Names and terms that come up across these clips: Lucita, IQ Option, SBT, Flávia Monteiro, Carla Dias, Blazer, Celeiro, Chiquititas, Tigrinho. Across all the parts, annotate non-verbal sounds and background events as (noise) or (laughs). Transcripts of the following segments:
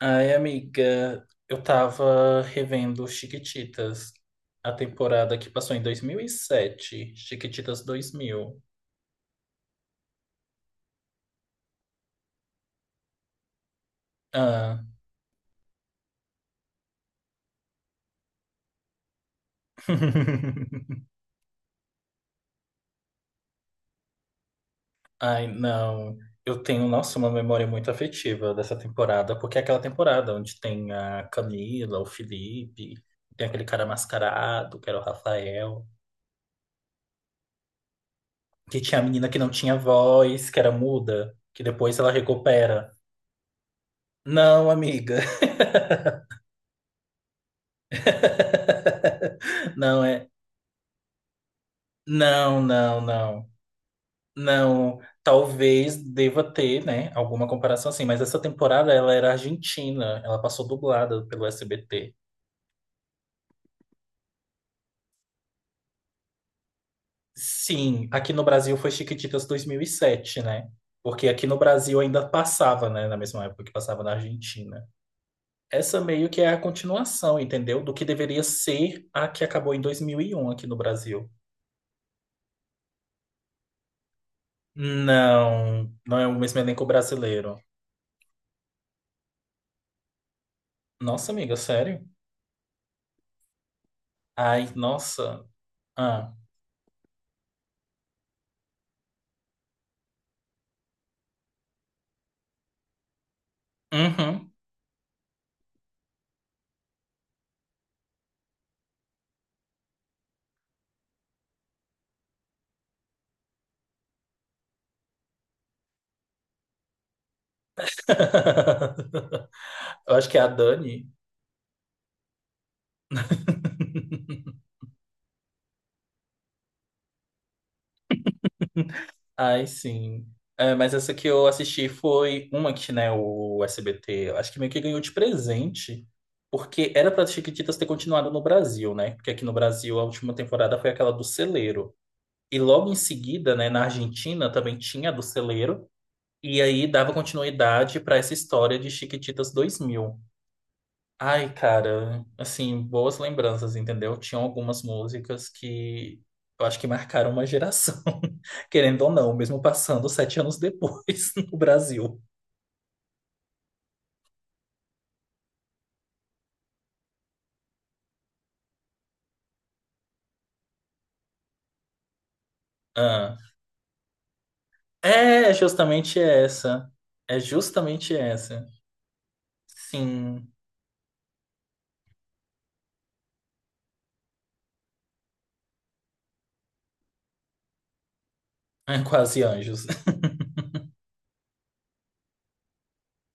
Ai, amiga, eu tava revendo Chiquititas, a temporada que passou em 2007, Chiquititas 2000. Ah. (laughs) Ai, não. Eu tenho, nossa, uma memória muito afetiva dessa temporada, porque é aquela temporada onde tem a Camila, o Felipe, tem aquele cara mascarado, que era o Rafael, que tinha a menina que não tinha voz, que era muda, que depois ela recupera. Não, amiga. (laughs) Não, é. Não, não, não. Não, talvez deva ter, né, alguma comparação assim, mas essa temporada ela era argentina, ela passou dublada pelo SBT. Sim, aqui no Brasil foi Chiquititas 2007, né? Porque aqui no Brasil ainda passava, né, na mesma época que passava na Argentina. Essa meio que é a continuação, entendeu? Do que deveria ser a que acabou em 2001 aqui no Brasil. Não, não é o mesmo elenco brasileiro. Nossa, amiga, sério? Ai, nossa. Ah. Uhum. (laughs) Eu acho que é a Dani. (laughs) Ai, sim. É, mas essa que eu assisti foi uma que, né, o SBT, eu acho que meio que ganhou de presente, porque era para Chiquititas ter continuado no Brasil, né? Porque aqui no Brasil a última temporada foi aquela do Celeiro. E logo em seguida, né, na Argentina também tinha a do Celeiro, e aí dava continuidade para essa história de Chiquititas 2000. Ai, cara, assim, boas lembranças, entendeu? Tinham algumas músicas que eu acho que marcaram uma geração, (laughs) querendo ou não, mesmo passando 7 anos depois (laughs) no Brasil. Ah, é justamente essa. É justamente essa. Sim, é quase anjos. (laughs)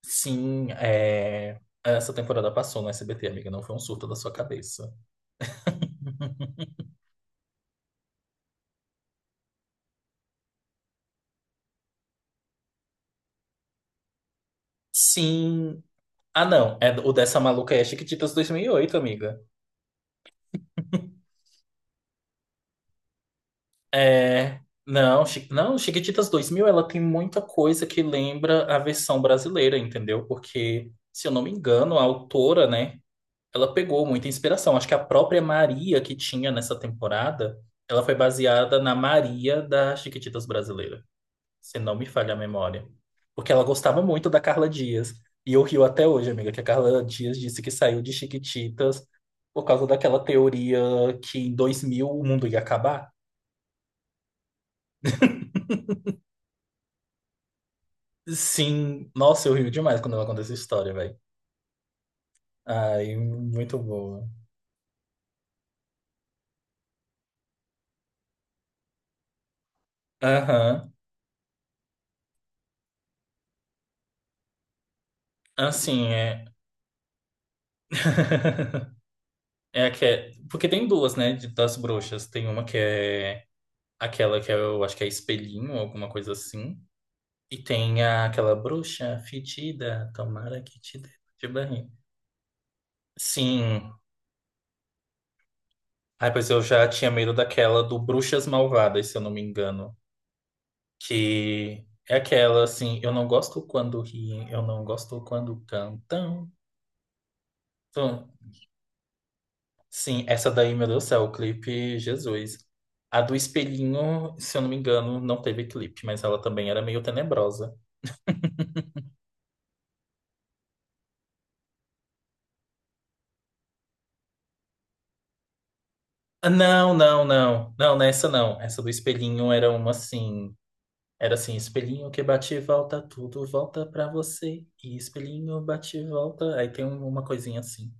Sim, é. Essa temporada passou no SBT, amiga, não foi um surto da sua cabeça. (laughs) Sim. Ah, não, é o dessa maluca é Chiquititas 2008, amiga. É, não, não, Chiquititas 2000, ela tem muita coisa que lembra a versão brasileira, entendeu? Porque, se eu não me engano, a autora, né, ela pegou muita inspiração. Acho que a própria Maria que tinha nessa temporada, ela foi baseada na Maria da Chiquititas brasileira, se não me falha a memória. Porque ela gostava muito da Carla Dias. E eu rio até hoje, amiga, que a Carla Dias disse que saiu de Chiquititas por causa daquela teoria que em 2000 o mundo ia acabar. Sim, nossa, eu rio demais quando ela conta essa história, velho. Ai, muito boa. Aham. Assim, é. (laughs) É a que é. Porque tem duas, né, das bruxas. Tem uma que é aquela que é, eu acho que é espelhinho, alguma coisa assim. E tem aquela bruxa fedida, tomara que te dê de barriga. Sim. Ai, pois eu já tinha medo daquela do Bruxas Malvadas, se eu não me engano. Que é aquela, assim, eu não gosto quando riem, eu não gosto quando cantam. Tô- Sim, essa daí, meu Deus do céu, o clipe Jesus. A do espelhinho, se eu não me engano, não teve clipe, mas ela também era meio tenebrosa. Ah, não, não, não. Não, nessa não. Essa do espelhinho era uma assim. Era assim, espelhinho que bate e volta, tudo volta pra você. E espelhinho bate e volta. Aí tem uma coisinha assim.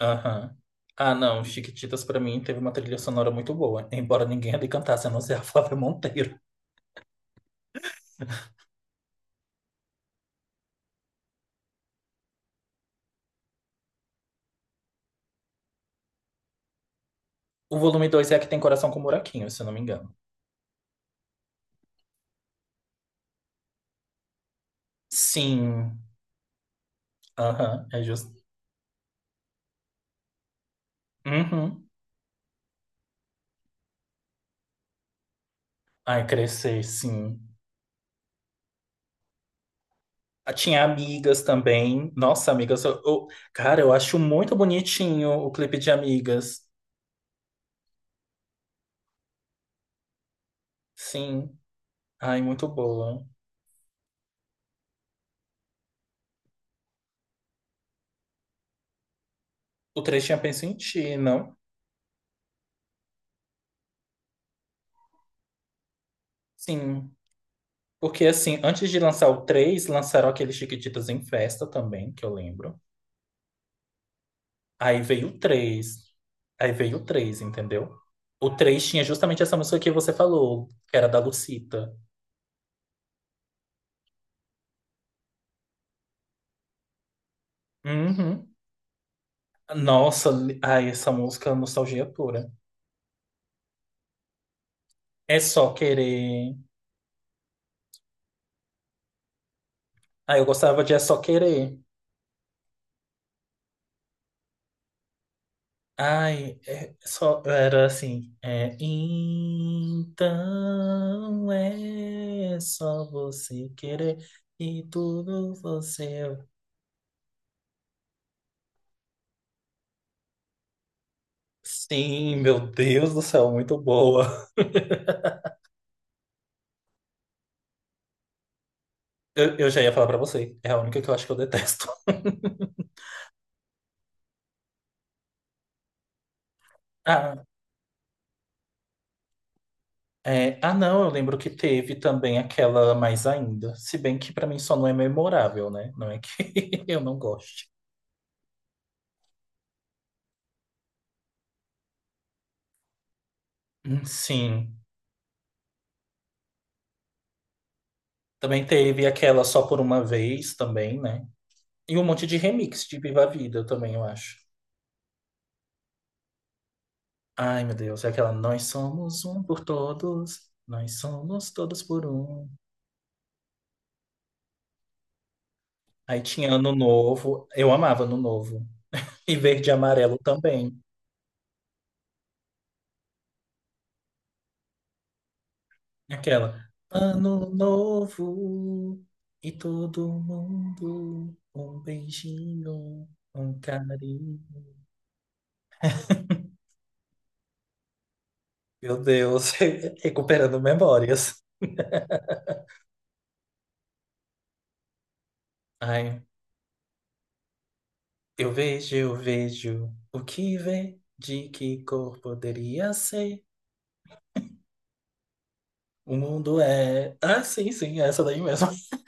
Aham. Ah, não. Chiquititas pra mim teve uma trilha sonora muito boa. Embora ninguém ali cantasse, a não ser a (laughs) Flávia Monteiro. O volume dois é a que tem coração com buraquinho, se eu não me engano. Sim, aham, é justo. Uhum. Ai, crescer, sim. Ah, tinha amigas também. Nossa, amigas, cara, eu acho muito bonitinho o clipe de Amigas. Sim, ai, muito boa. O três tinha penso em ti, não? Sim, porque assim, antes de lançar o 3 lançaram aquele Chiquititas em Festa também, que eu lembro. Aí veio o 3 Aí veio o três, entendeu? O 3 tinha justamente essa música que você falou, que era da Lucita. Uhum. Nossa, ai, essa música é nostalgia pura. É só querer. Ai, eu gostava de É Só Querer. Ai, é só. Era assim. É, então é só você querer e tudo você. É". Sim, meu Deus do céu, muito boa. Eu já ia falar pra você. É a única que eu acho que eu detesto. (laughs) É, ah, não, eu lembro que teve também aquela mais ainda. Se bem que pra mim só não é memorável, né? Não é que (laughs) eu não goste. Sim. Também teve aquela Só por uma vez também, né? E um monte de remix de Viva a Vida também, eu acho. Ai, meu Deus, é aquela Nós somos um por todos, nós somos todos por um. Aí tinha Ano Novo, eu amava Ano Novo. E Verde e Amarelo também. Aquela. Ano novo e todo mundo um beijinho, um carinho. Meu Deus, (laughs) recuperando memórias. Ai, eu vejo o que vê, de que cor poderia ser. O mundo é. Ah, sim, sim, é essa daí mesmo. (laughs)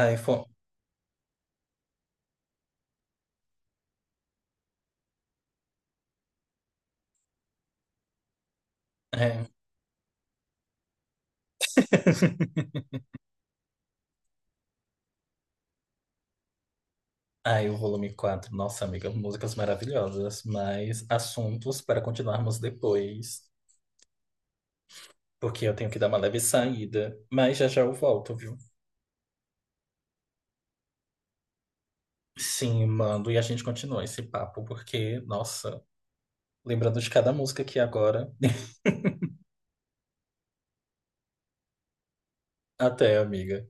Ai, é. Ai, o volume quatro. Nossa, amiga, músicas maravilhosas, mas assuntos para continuarmos depois. Porque eu tenho que dar uma leve saída. Mas já já eu volto, viu? Sim, mando. E a gente continua esse papo, porque, nossa, lembrando de cada música aqui agora. (laughs) Até, amiga.